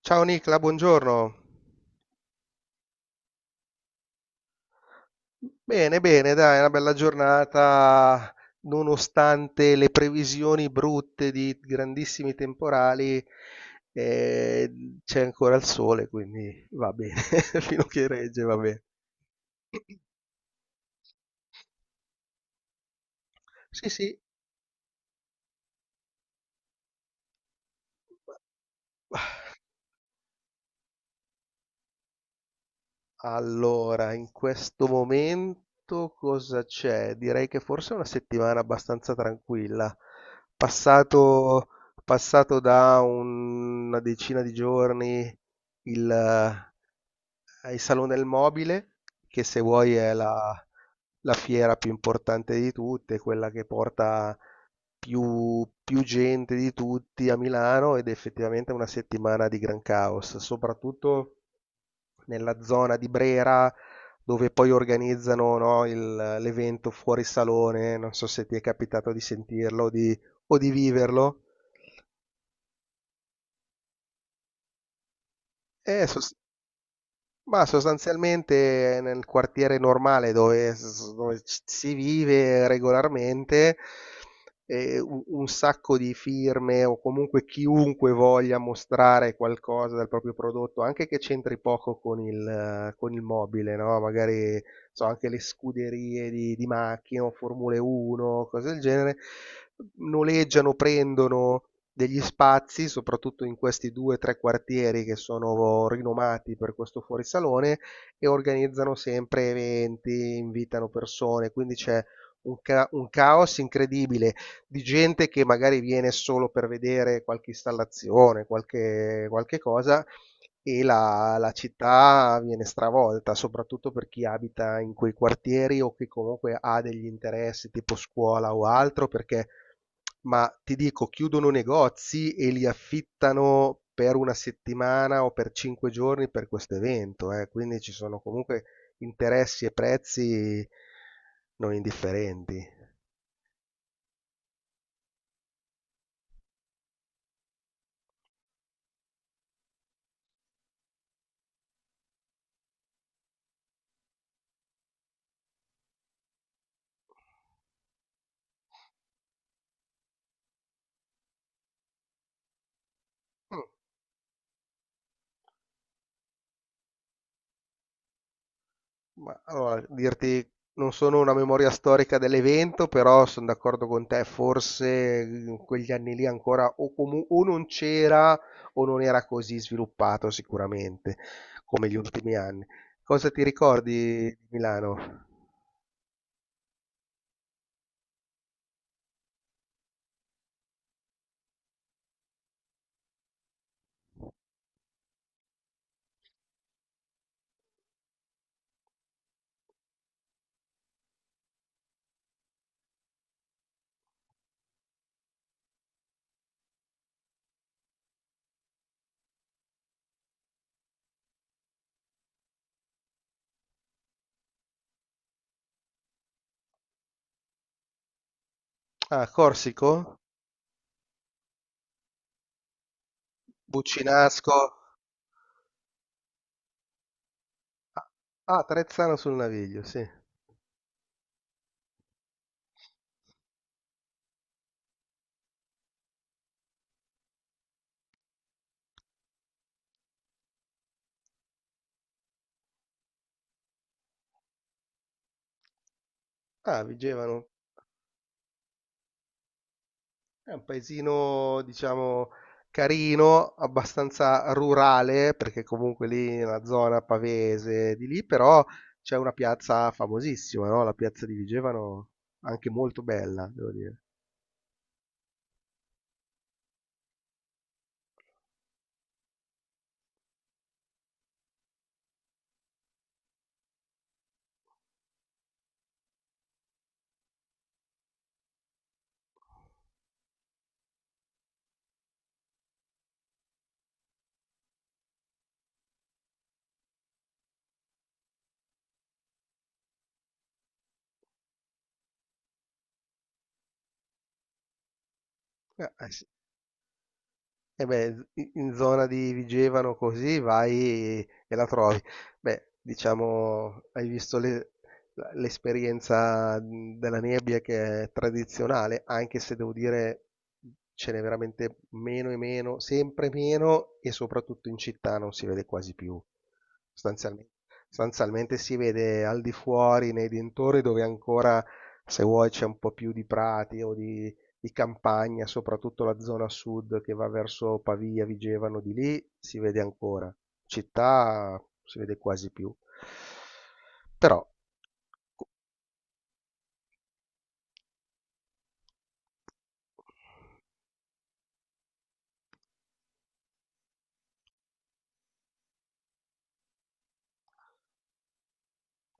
Ciao Nicla, buongiorno. Bene, bene, dai, è una bella giornata, nonostante le previsioni brutte di grandissimi temporali, eh, c'è ancora il sole, quindi va bene, fino a che regge, va bene. Sì, sì. Allora, in questo momento cosa c'è? Direi che forse è una settimana abbastanza tranquilla. Passato, passato da una decina di giorni il, eh, il Salone del Mobile, che se vuoi è la fiera più importante di tutte, quella che porta più gente di tutti a Milano ed effettivamente è una settimana di gran caos, soprattutto nella zona di Brera dove poi organizzano, no, l'evento fuori salone, non so se ti è capitato di sentirlo o di viverlo. Eh, sos- Ma sostanzialmente nel quartiere normale dove si vive regolarmente, un sacco di firme o comunque chiunque voglia mostrare qualcosa del proprio prodotto, anche che c'entri poco con con il mobile, no? Magari so, anche le scuderie di macchine o Formule 1, cose del genere, noleggiano, prendono degli spazi, soprattutto in questi due o tre quartieri che sono rinomati per questo fuorisalone e organizzano sempre eventi, invitano persone, quindi c'è un caos incredibile di gente che magari viene solo per vedere qualche installazione, qualche cosa e la città viene stravolta, soprattutto per chi abita in quei quartieri o che comunque ha degli interessi tipo scuola o altro, perché ma ti dico, chiudono negozi e li affittano per una settimana o per 5 giorni per questo evento, eh. Quindi ci sono comunque interessi e prezzi non indifferenti. Mm. Ma allora, dirti, non sono una memoria storica dell'evento, però sono d'accordo con te, forse in quegli anni lì ancora o, o non c'era o non era così sviluppato sicuramente come gli ultimi anni. Cosa ti ricordi di Milano? Ah, Corsico? Buccinasco? Ah, ah, Trezzano sul Naviglio, sì. Ah, Vigevano. È un paesino, diciamo, carino, abbastanza rurale, perché comunque lì è una zona pavese di lì, però c'è una piazza famosissima, no? La piazza di Vigevano, anche molto bella, devo dire. Sì. E beh, in zona di Vigevano così vai e la trovi. Beh, diciamo, hai visto l'esperienza della nebbia che è tradizionale, anche se devo dire ce n'è veramente meno e meno, sempre meno e soprattutto in città non si vede quasi più. Sostanzialmente, sostanzialmente si vede al di fuori, nei dintorni dove ancora, se vuoi, c'è un po' più di prati o di campagna, soprattutto la zona sud che va verso Pavia, Vigevano, di lì si vede ancora. Città si vede quasi più. Però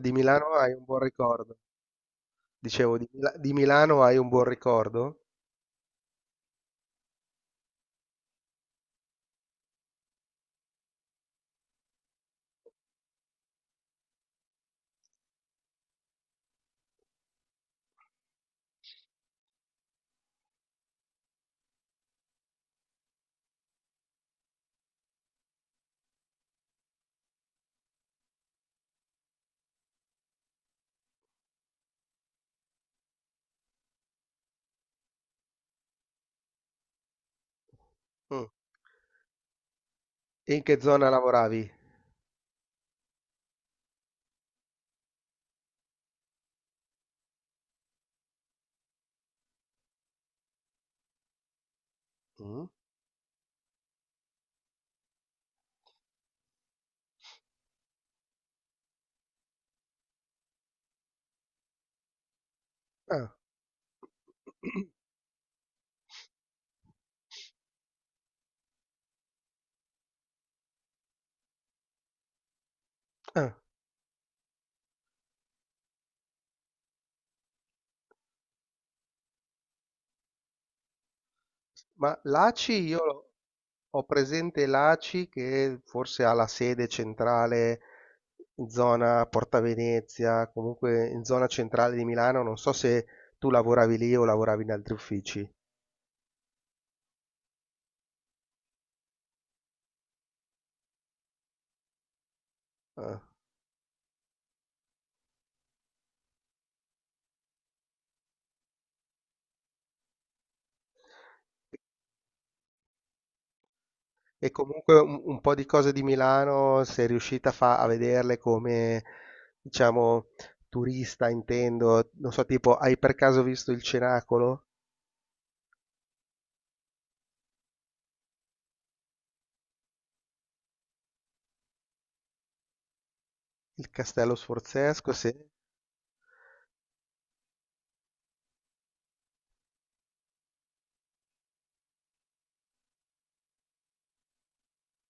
di Milano hai un buon ricordo. Dicevo, di Milano hai un buon ricordo? Mm. E in che zona lavoravi? Mm. Ah. Ah. Ma l'ACI io l'ho Ho presente l'ACI che forse ha la sede centrale in zona Porta Venezia, comunque in zona centrale di Milano, non so se tu lavoravi lì o lavoravi in altri uffici. Ah. E comunque un, po' di cose di Milano, sei riuscita a vederle come, diciamo, turista, intendo, non so, tipo, hai per caso visto il Cenacolo, il Castello Sforzesco? Sì,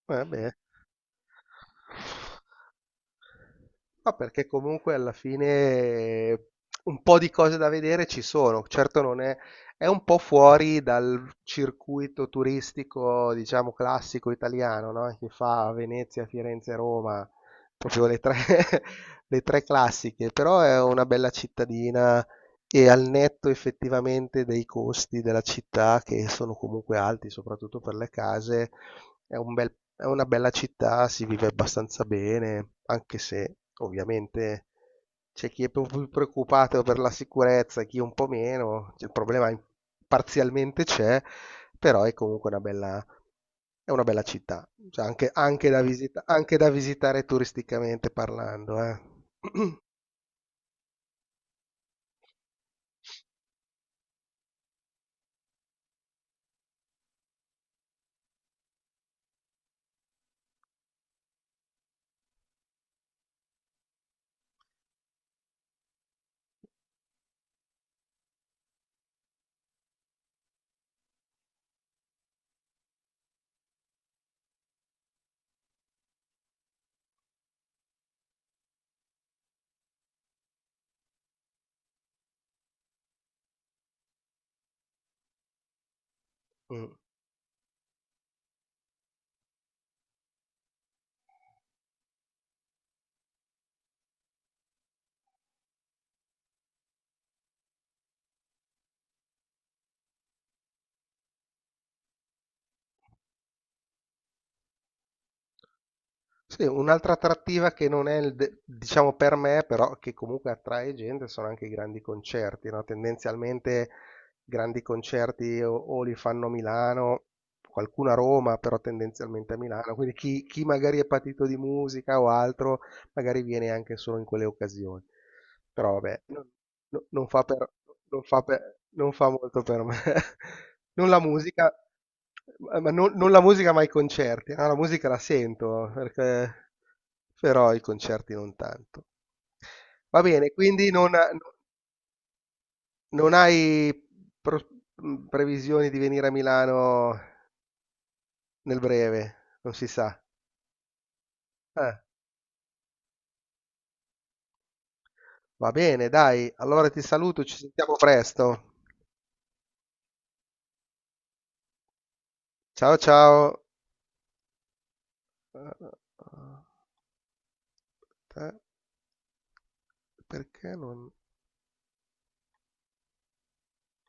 vabbè. Ma perché comunque alla fine un po' di cose da vedere ci sono, certo non è, è un po' fuori dal circuito turistico, diciamo, classico italiano, no? Che fa Venezia, Firenze, Roma, proprio le tre, le tre classiche, però è una bella cittadina e al netto effettivamente dei costi della città che sono comunque alti, soprattutto per le case, è una bella città, si vive abbastanza bene, anche se ovviamente c'è chi è più preoccupato per la sicurezza, chi un po' meno, il problema parzialmente c'è, però è comunque è una bella città, cioè, anche da visitare turisticamente parlando, eh. Mm. Sì, un'altra attrattiva che non è, diciamo per me, però che comunque attrae gente sono anche i grandi concerti, no? Tendenzialmente grandi concerti o li fanno a Milano, qualcuno a Roma, però tendenzialmente a Milano. Quindi chi magari è patito di musica o altro, magari viene anche solo in quelle occasioni. Però vabbè, non- non fa per- non fa molto per me. Non la musica, ma non la musica, ma i concerti. Ah, la musica la sento, perché, però i concerti non tanto. Va bene, quindi non hai pro- previsioni di venire a Milano nel breve, non si sa. Eh, va bene, dai, allora ti saluto, ci sentiamo presto. Ciao ciao. Eh, eh, Perché non.